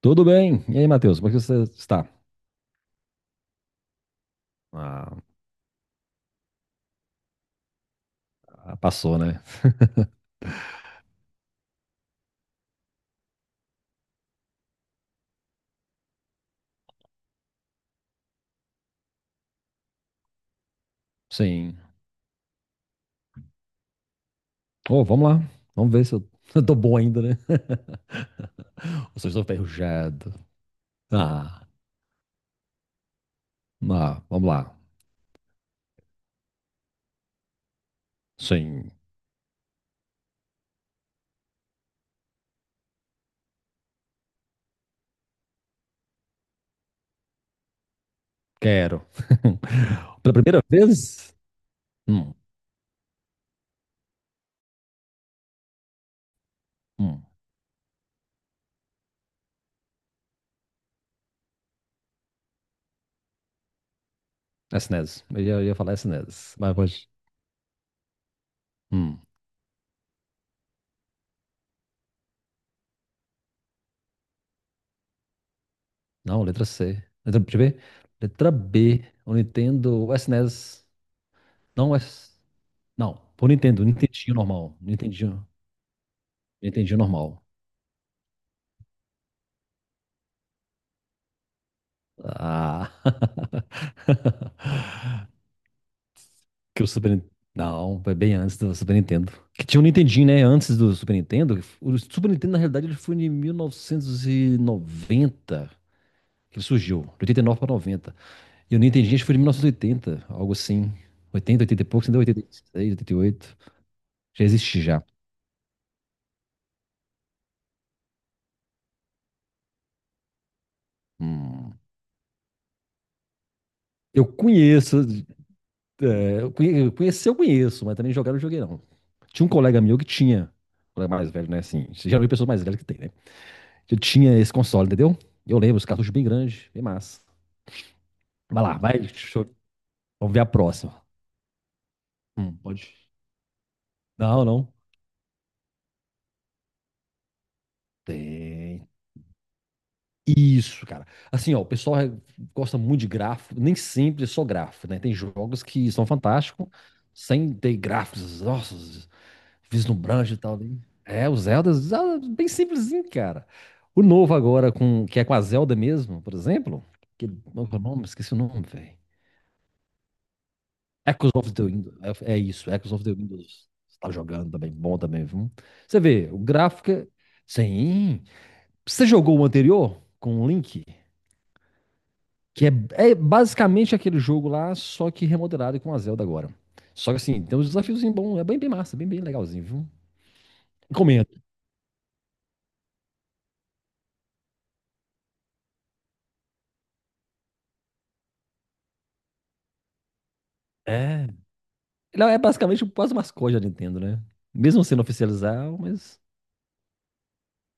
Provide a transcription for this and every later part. Tudo bem? E aí, Matheus, como é que você está? Ah, ah, passou, né? Sim. Oh, vamos lá. Vamos ver se eu, eu tô bom ainda, né? Ou se eu estou ferrujado. Ah, ah, vamos lá. Sim, quero. Pela primeira vez? Hum, hum. SNES. Eu ia falar SNES, mas pode. Hum. Não, letra C. Letra, deixa eu ver. Letra B. O Nintendo. O SNES. Não, o S. Não, por Nintendo. Nintendinho normal. Nintendinho. Entendi normal. Ah. Que o Super. Não, foi bem antes do Super Nintendo. Que tinha o Nintendinho, né? Antes do Super Nintendo. O Super Nintendo, na realidade, ele foi em 1990 que ele surgiu. De 89 para 90. E o Nintendinho acho que foi de 1980 algo assim. Oitenta, 80 e pouco, entendeu? 86, 88. Já existe já. Hum. Eu conheço, é, conhecer eu conheço, mas também jogar eu não joguei não. Tinha um colega meu que tinha, um colega mais velho, né? Assim, geralmente pessoas mais velhas que tem, né? Que tinha esse console, entendeu? Eu lembro, os cartuchos bem grandes, bem massa. Vai lá, vai, vamos ver a próxima. Pode. Não, não. Tem. Isso, cara. Assim, ó, o pessoal gosta muito de gráfico, nem sempre é só gráfico, né? Tem jogos que são fantásticos, sem ter gráficos, nossa, vislumbrante e tal, né? É, o Zelda, Zelda é bem simplesinho, cara. O novo agora, que é com a Zelda mesmo, por exemplo, qual que é o nome, esqueci o nome, velho. Echoes of the Windows, é isso, Echoes of the Windows. Você tá jogando também, bom também, viu? Você vê, o gráfico, sim. Você jogou o anterior com o Link? Que é basicamente aquele jogo lá, só que remodelado e com a Zelda agora. Só que assim, tem uns desafios bons, é bem, bem massa, bem, bem legalzinho, viu? Recomendo. É. Ele é basicamente quase o mascote da Nintendo, né? Mesmo sendo oficializado, mas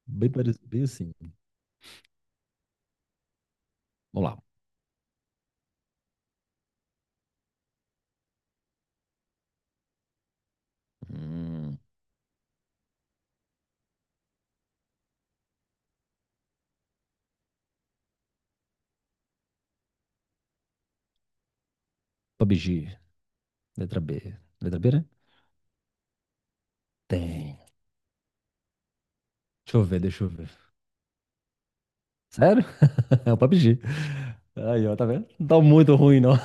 bem, bem assim. Vamos lá. Hum, PUBG, letra B. Letra B, né? Tem. Deixa eu ver, deixa eu ver. Sério? É o PUBG. Aí, ó, tá vendo? Não tá muito ruim, não.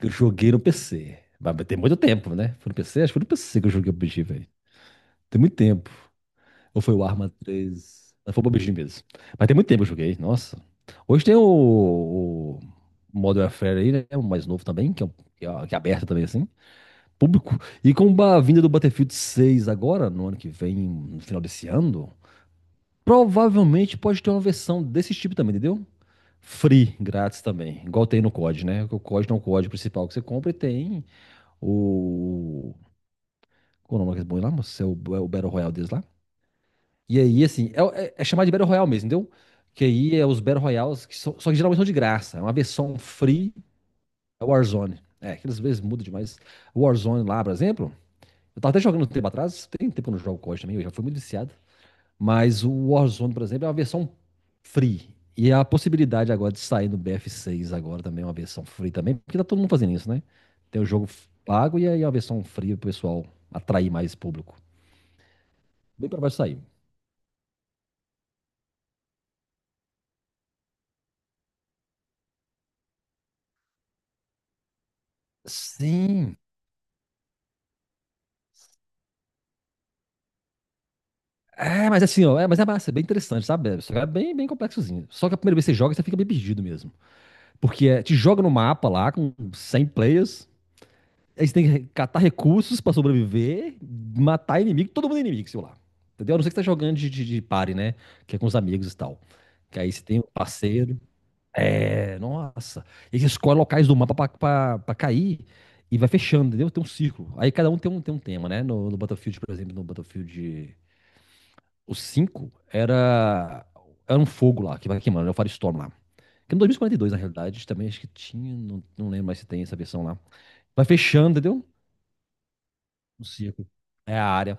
Eu joguei no PC. Mas tem muito tempo, né? Foi no PC? Acho que foi no PC que eu joguei o PUBG, velho. Tem muito tempo. Ou foi o Arma três? Não, foi o PUBG mesmo. Mas tem muito tempo que eu joguei. Nossa. Hoje tem o Modern Warfare aí, né? O mais novo também, que é, um- que é aberto também, assim. Público. E com a vinda do Battlefield 6 agora, no ano que vem, no final desse ano, provavelmente pode ter uma versão desse tipo também, entendeu? Free, grátis também. Igual tem no COD, né? O COD não é o código principal que você compra e tem o. Qual é o nome que eles põem lá, moço? É o Battle Royale deles lá? E aí, assim, é chamado de Battle Royale mesmo, entendeu? Que aí é os Battle Royales, que são, só que geralmente são de graça. É uma versão free, é Warzone. É, aquelas vezes muda demais. Warzone lá, por exemplo, eu tava até jogando um tempo atrás, tem tempo que eu não jogo COD também, eu já fui muito viciado. Mas o Warzone, por exemplo, é uma versão free. E a possibilidade agora de sair no BF6 agora também é uma versão free também, porque tá todo mundo fazendo isso, né? Tem o jogo pago e aí a versão free pro pessoal atrair mais público. Bem provável de sair. Sim, é, mas assim, ó, é, mas é massa, é bem interessante, sabe? Só que é bem, bem complexozinho. Só que a primeira vez que você joga, você fica bem perdido mesmo. Porque é, te joga no mapa lá com 100 players, aí você tem que catar recursos pra sobreviver, matar inimigo, todo mundo é inimigo, sei lá. Entendeu? A não ser que você tá jogando de party, né? Que é com os amigos e tal. Que aí você tem um parceiro. É, nossa. E você escolhe locais do mapa pra cair e vai fechando, entendeu? Tem um círculo. Aí cada um tem um, tema, né? No Battlefield, por exemplo, no Battlefield o 5 era um fogo lá, que vai queimando, é o Firestorm lá. Que no dois mil e quarenta e dois na realidade, também acho que tinha, não, não lembro mais se tem essa versão lá. Vai fechando, entendeu? O círculo. É a área.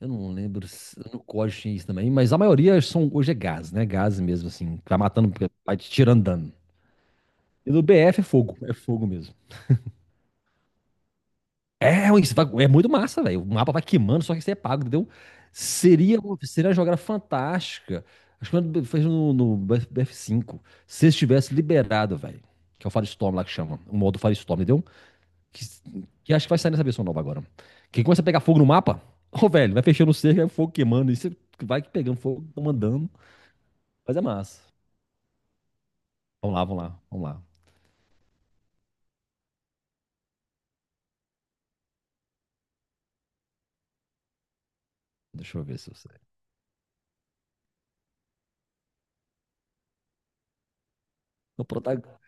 Eu não lembro, no código tinha isso também, mas a maioria são, hoje é gás, né? Gás mesmo, assim, que vai matando, vai te tirando dano. E no BF é fogo mesmo. É, isso é muito massa, velho. O mapa vai queimando, só que isso é pago, entendeu? Seria uma jogada fantástica. Acho que quando fez no BF cinco, se estivesse liberado, velho. Que é o Firestorm lá que chama. O modo Firestorm, entendeu? Que, que acho que vai sair nessa versão nova agora. Que começa a pegar fogo no mapa. Ô, velho, vai fechando o cerco, aí o fogo queimando. E você vai pegando fogo, mandando. Mas é massa. Vamos lá, vamos lá, vamos lá. Deixa eu ver se eu sei. O protagonista.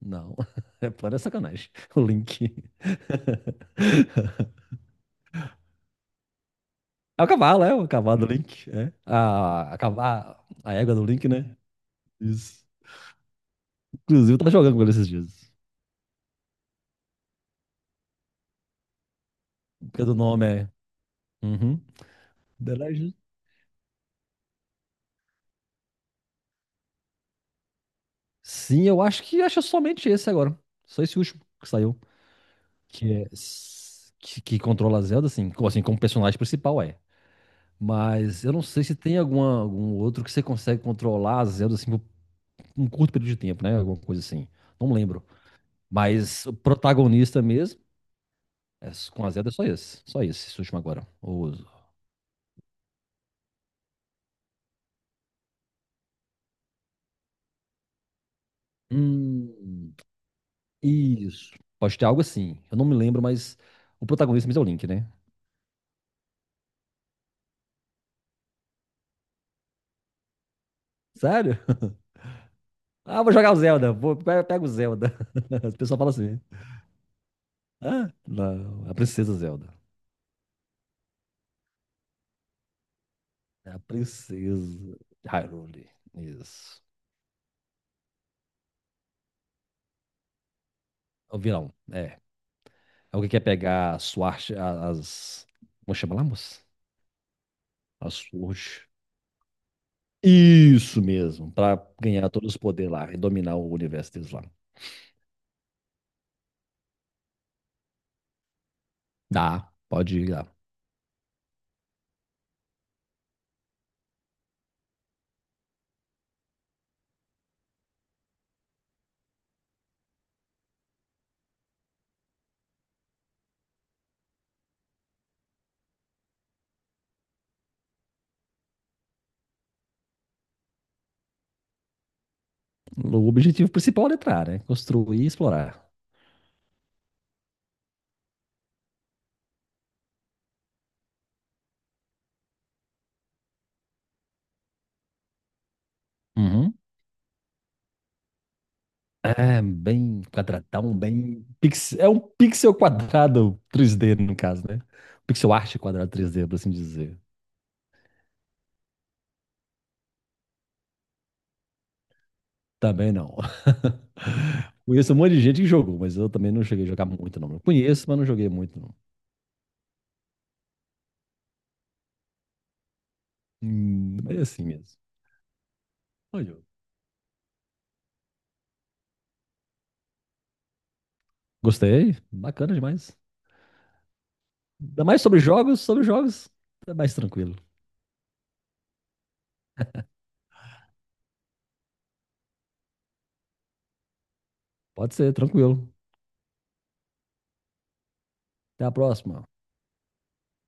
Não, é para sacanagem. O Link. É o cavalo do Link. É. A égua do Link, né? Isso. Inclusive, eu tava jogando com ele esses dias. Porque do nome é. Uhum. The Legend. Sim, eu acho que acho somente esse agora. Só esse último que saiu. Que, é, s- que controla a Zelda, assim, assim, como personagem principal é. Mas eu não sei se tem alguma, algum outro que você consegue controlar a Zelda assim, por um curto período de tempo, né? Alguma coisa assim. Não lembro. Mas o protagonista mesmo, é, com a Zelda, é só esse. Só esse, esse último agora. Hum, isso. Pode ter algo assim. Eu não me lembro, mas o protagonista mesmo é o Link, né? Sério? Ah, vou jogar o Zelda. Pego o Zelda. O pessoal fala assim. Ah, não, a princesa Zelda. É a princesa Hyrule. Isso. O vilão, é. Alguém quer pegar a Swart, as. Como chama lá, moça? As Sword. Isso mesmo, para ganhar todos os poderes lá e dominar o universo deles lá. Dá, pode ir lá. O objetivo principal é entrar, né? Construir e explorar. Uhum. É, bem quadradão, bem. É um pixel quadrado 3D, no caso, né? Pixel art quadrado 3D, por assim dizer. Também não. Conheço um monte de gente que jogou, mas eu também não cheguei a jogar muito, não. Eu conheço, mas não joguei muito, não. Mas é assim mesmo. Olha, gostei, bacana demais. Ainda mais sobre jogos é mais tranquilo. Pode ser, tranquilo. Até a próxima.